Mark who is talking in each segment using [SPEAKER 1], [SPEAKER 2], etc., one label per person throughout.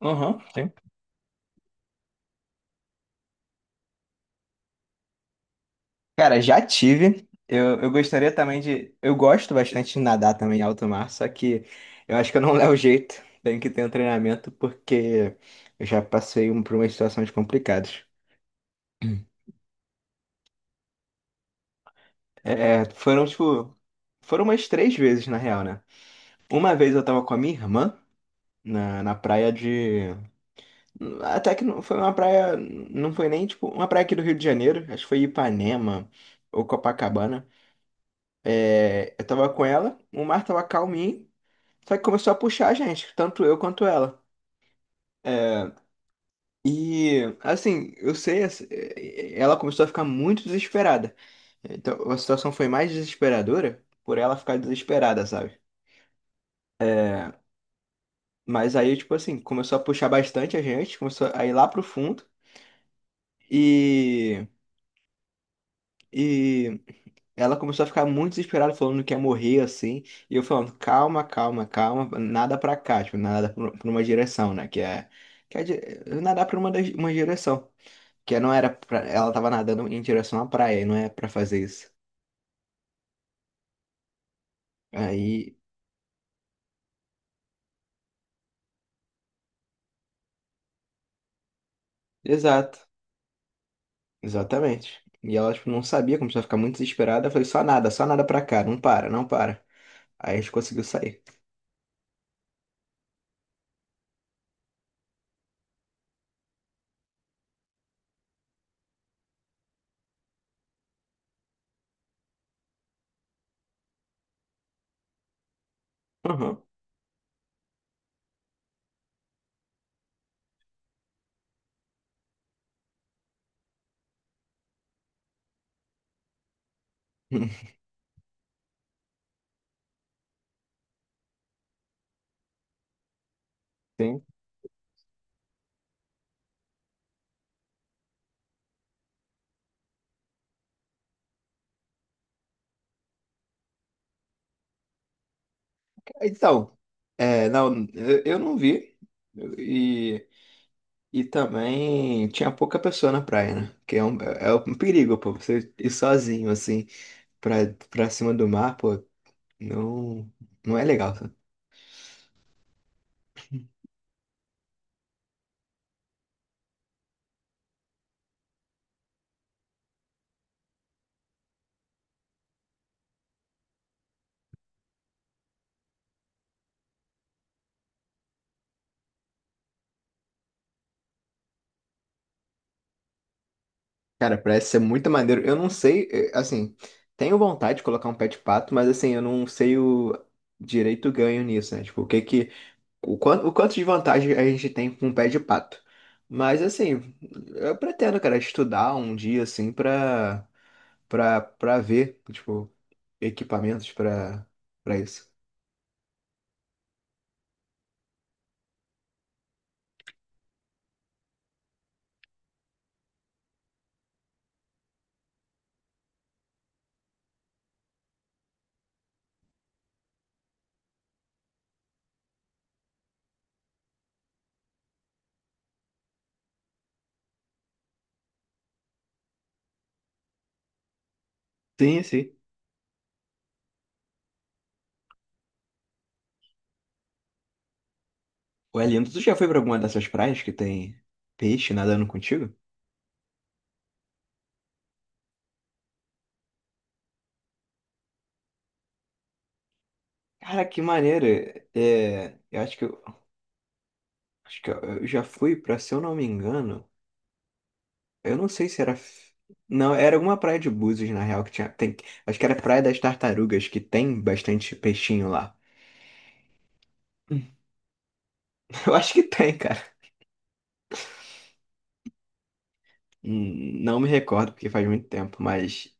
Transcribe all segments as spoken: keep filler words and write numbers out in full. [SPEAKER 1] Aham, sim. Cara, já tive. Eu, eu gostaria também de. Eu gosto bastante de nadar também em alto mar, só que eu acho que eu não levo jeito. Tenho que ter um treinamento porque eu já passei um, por umas situações complicadas. É, é, foram, tipo. Foram umas três vezes, na real, né? Uma vez eu tava com a minha irmã na, na praia de. Até que não foi uma praia. Não foi nem, tipo, uma praia aqui do Rio de Janeiro. Acho que foi Ipanema ou Copacabana. É, eu tava com ela, o mar tava calminho, só que começou a puxar a gente, tanto eu quanto ela. E assim, eu sei, assim, eh, ela começou a ficar muito desesperada. Então a situação foi mais desesperadora por ela ficar desesperada, sabe? Mas aí, tipo assim, começou a puxar bastante a gente, começou a ir lá pro fundo. E, e ela começou a ficar muito desesperada, falando que ia morrer assim. E eu falando, calma, calma, calma, nada pra cá, tipo, nada pra pra uma direção, né? Que é. Que é di- nadar pra uma, das- uma direção. Que não era pra, ela tava nadando em direção à praia, e não é pra fazer isso. Aí. Exato, exatamente. E ela, tipo, não sabia, começou a ficar muito desesperada. Eu falei, só nada, só nada pra cá, não para, não para. Aí a gente conseguiu sair. Uhum. Sim. Então, é, não, eu eu não vi. E. E também tinha pouca pessoa na praia, né? Que é um, é um perigo, pô. Você ir sozinho, assim, pra, pra cima do mar, pô, não, não é legal. Sabe? Cara, parece ser muito maneiro. Eu não sei, eh, assim, tenho vontade de colocar um pé de pato, mas assim, eu não sei o direito ganho nisso, né? Tipo, o que que. O quanto, o quanto de vantagem a gente tem com um pé de pato. Mas assim, eu pretendo, cara, estudar um dia, assim, pra, pra, pra ver, tipo. Equipamentos pra para isso. Sim, sim. Ué, lindo, tu já foi pra alguma dessas praias que tem peixe nadando contigo? Cara, que maneiro. É, eu acho que eu, acho que eu eu já fui pra, se eu não me engano, eu não sei se era. F- Não, era alguma praia de Búzios, na real, que tinha. Tem, acho que era Praia das Tartarugas, que tem bastante peixinho lá. Hum, eu acho que tem, cara. Hum, Não me recordo, porque faz muito tempo, mas.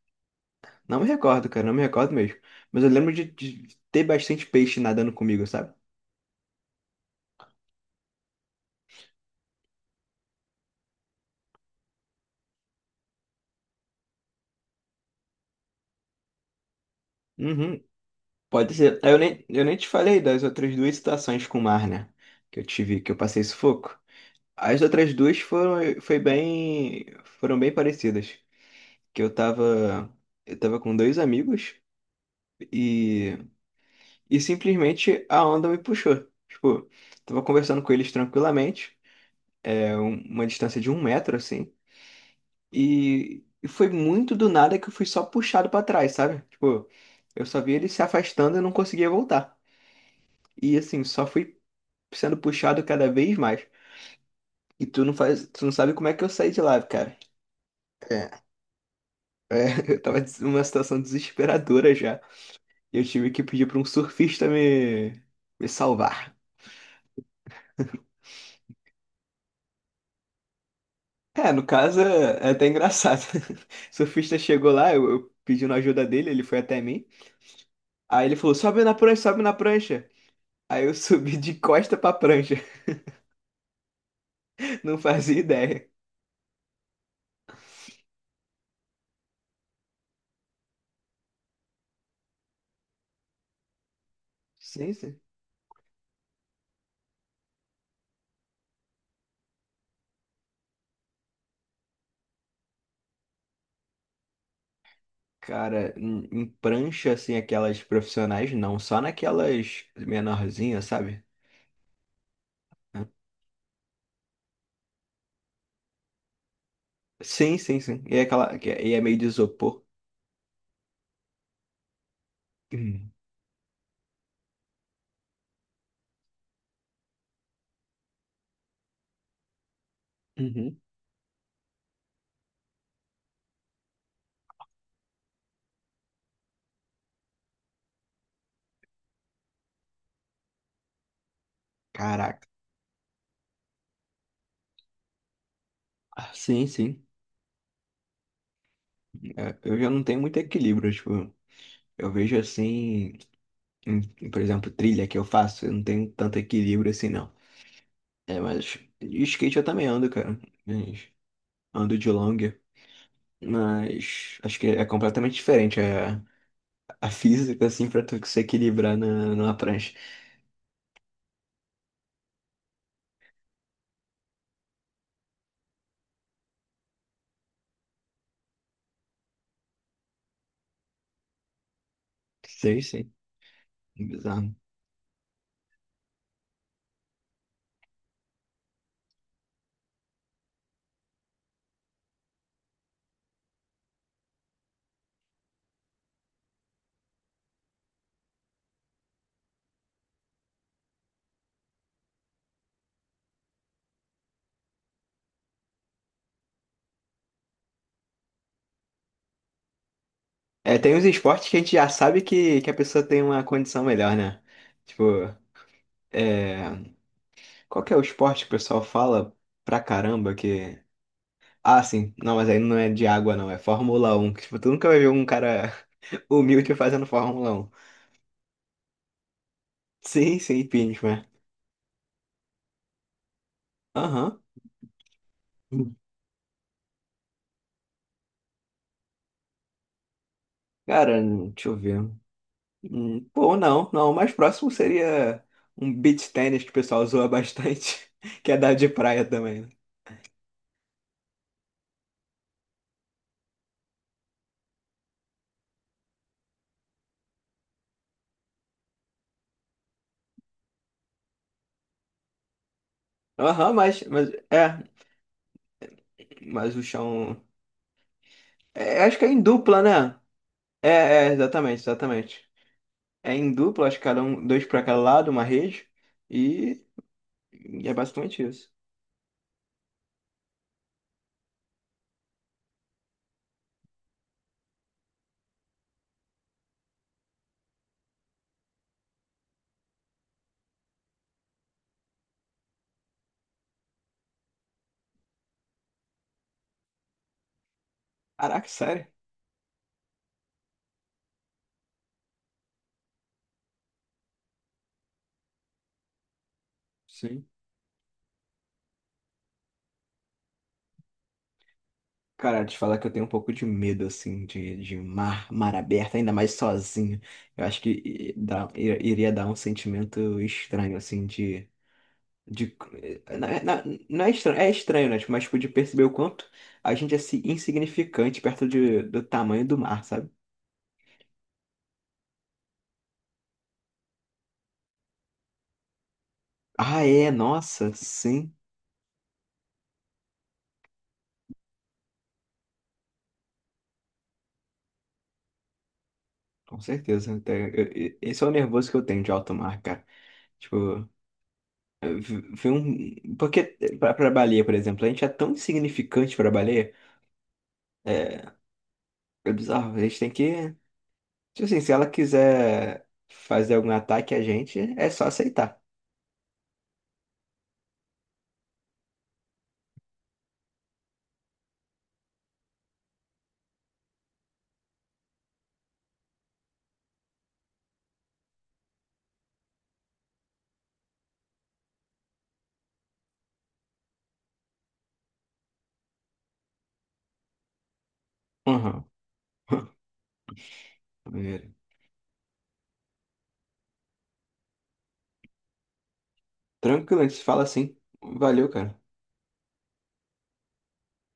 [SPEAKER 1] Não me recordo, cara, não me recordo mesmo. Mas eu lembro de, de ter bastante peixe nadando comigo, sabe? Uhum, pode ser. Eu nem, eu nem te falei das outras duas situações com o mar, né? Que eu tive, que eu passei sufoco. As outras duas foram, foi bem, foram bem parecidas. Que eu tava, eu tava com dois amigos e, e simplesmente a onda me puxou. Tipo, tava conversando com eles tranquilamente, é um- uma distância de um metro, assim. E, e foi muito do nada que eu fui só puxado pra trás, sabe? Tipo, eu só vi eles se afastando e não conseguia voltar. E assim, só fui sendo puxado cada vez mais. E tu não faz, tu não sabe como é que eu saí de lá, cara. É, é, eu tava des- numa situação desesperadora já. E eu tive que pedir pra um surfista me, me salvar. É, no caso é é até engraçado. O surfista chegou lá, eu, eu pedindo ajuda dele, ele foi até mim. Aí ele falou: sobe na prancha, sobe na prancha. Aí eu subi de costa pra prancha. Não fazia ideia. Sim, sim. Cara, em em prancha, assim, aquelas profissionais, não, só naquelas menorzinhas, sabe? Sim, sim, sim. E é aquela. que é- E é meio de isopor. Hum. Uhum. Caraca. Ah, sim, sim. É, eu já não tenho muito equilíbrio, tipo, eu vejo assim, em- em, por exemplo, trilha que eu faço, eu não tenho tanto equilíbrio assim, não. É, mas e skate eu também ando, cara. Mas ando de longa, mas acho que é completamente diferente a, a física, assim, pra tu se equilibrar na, numa prancha. Sei, sei. Bizarro. É, tem uns esportes que a gente já sabe que, que a pessoa tem uma condição melhor, né? Tipo, é... qual que é o esporte que o pessoal fala pra caramba que. Ah, sim, não, mas aí não é de água, não, é Fórmula um. Que, tipo, tu nunca vai ver um cara humilde fazendo Fórmula um. Sim, sim, impeachment. Aham. Cara, deixa eu ver. Hum, Pô, não, não, o mais próximo seria um beach tennis que o pessoal zoa bastante, que é da de praia também. Né? Aham, mas, mas é, mas o chão. É, acho que é em dupla, né? É, é, exatamente, exatamente. É em dupla, acho que cada um, dois pra cada lado, uma rede. E, e é basicamente isso. Caraca, sério? Sim. Cara, te falar que eu tenho um pouco de medo, assim, de, de mar, mar aberto, ainda mais sozinho. Eu acho que i- dá- i- iria dar um sentimento estranho, assim, de. De na- na- não é estranho, é estranho, né? Tipo, mas, tipo, de perceber o quanto a gente é assim, insignificante perto de, do tamanho do mar, sabe? Ah, é, nossa, sim. Com certeza. até- eu- eu- Esse é o nervoso que eu tenho de alto mar, cara. Tipo, eu vi vi um. Porque pra, pra baleia, por exemplo, a gente é tão insignificante pra baleia. É, é bizarro. A gente tem que. Tipo assim, se ela quiser fazer algum ataque a gente, é só aceitar. Aham. Maneiro. Tranquilo, a gente se fala assim. Valeu, cara.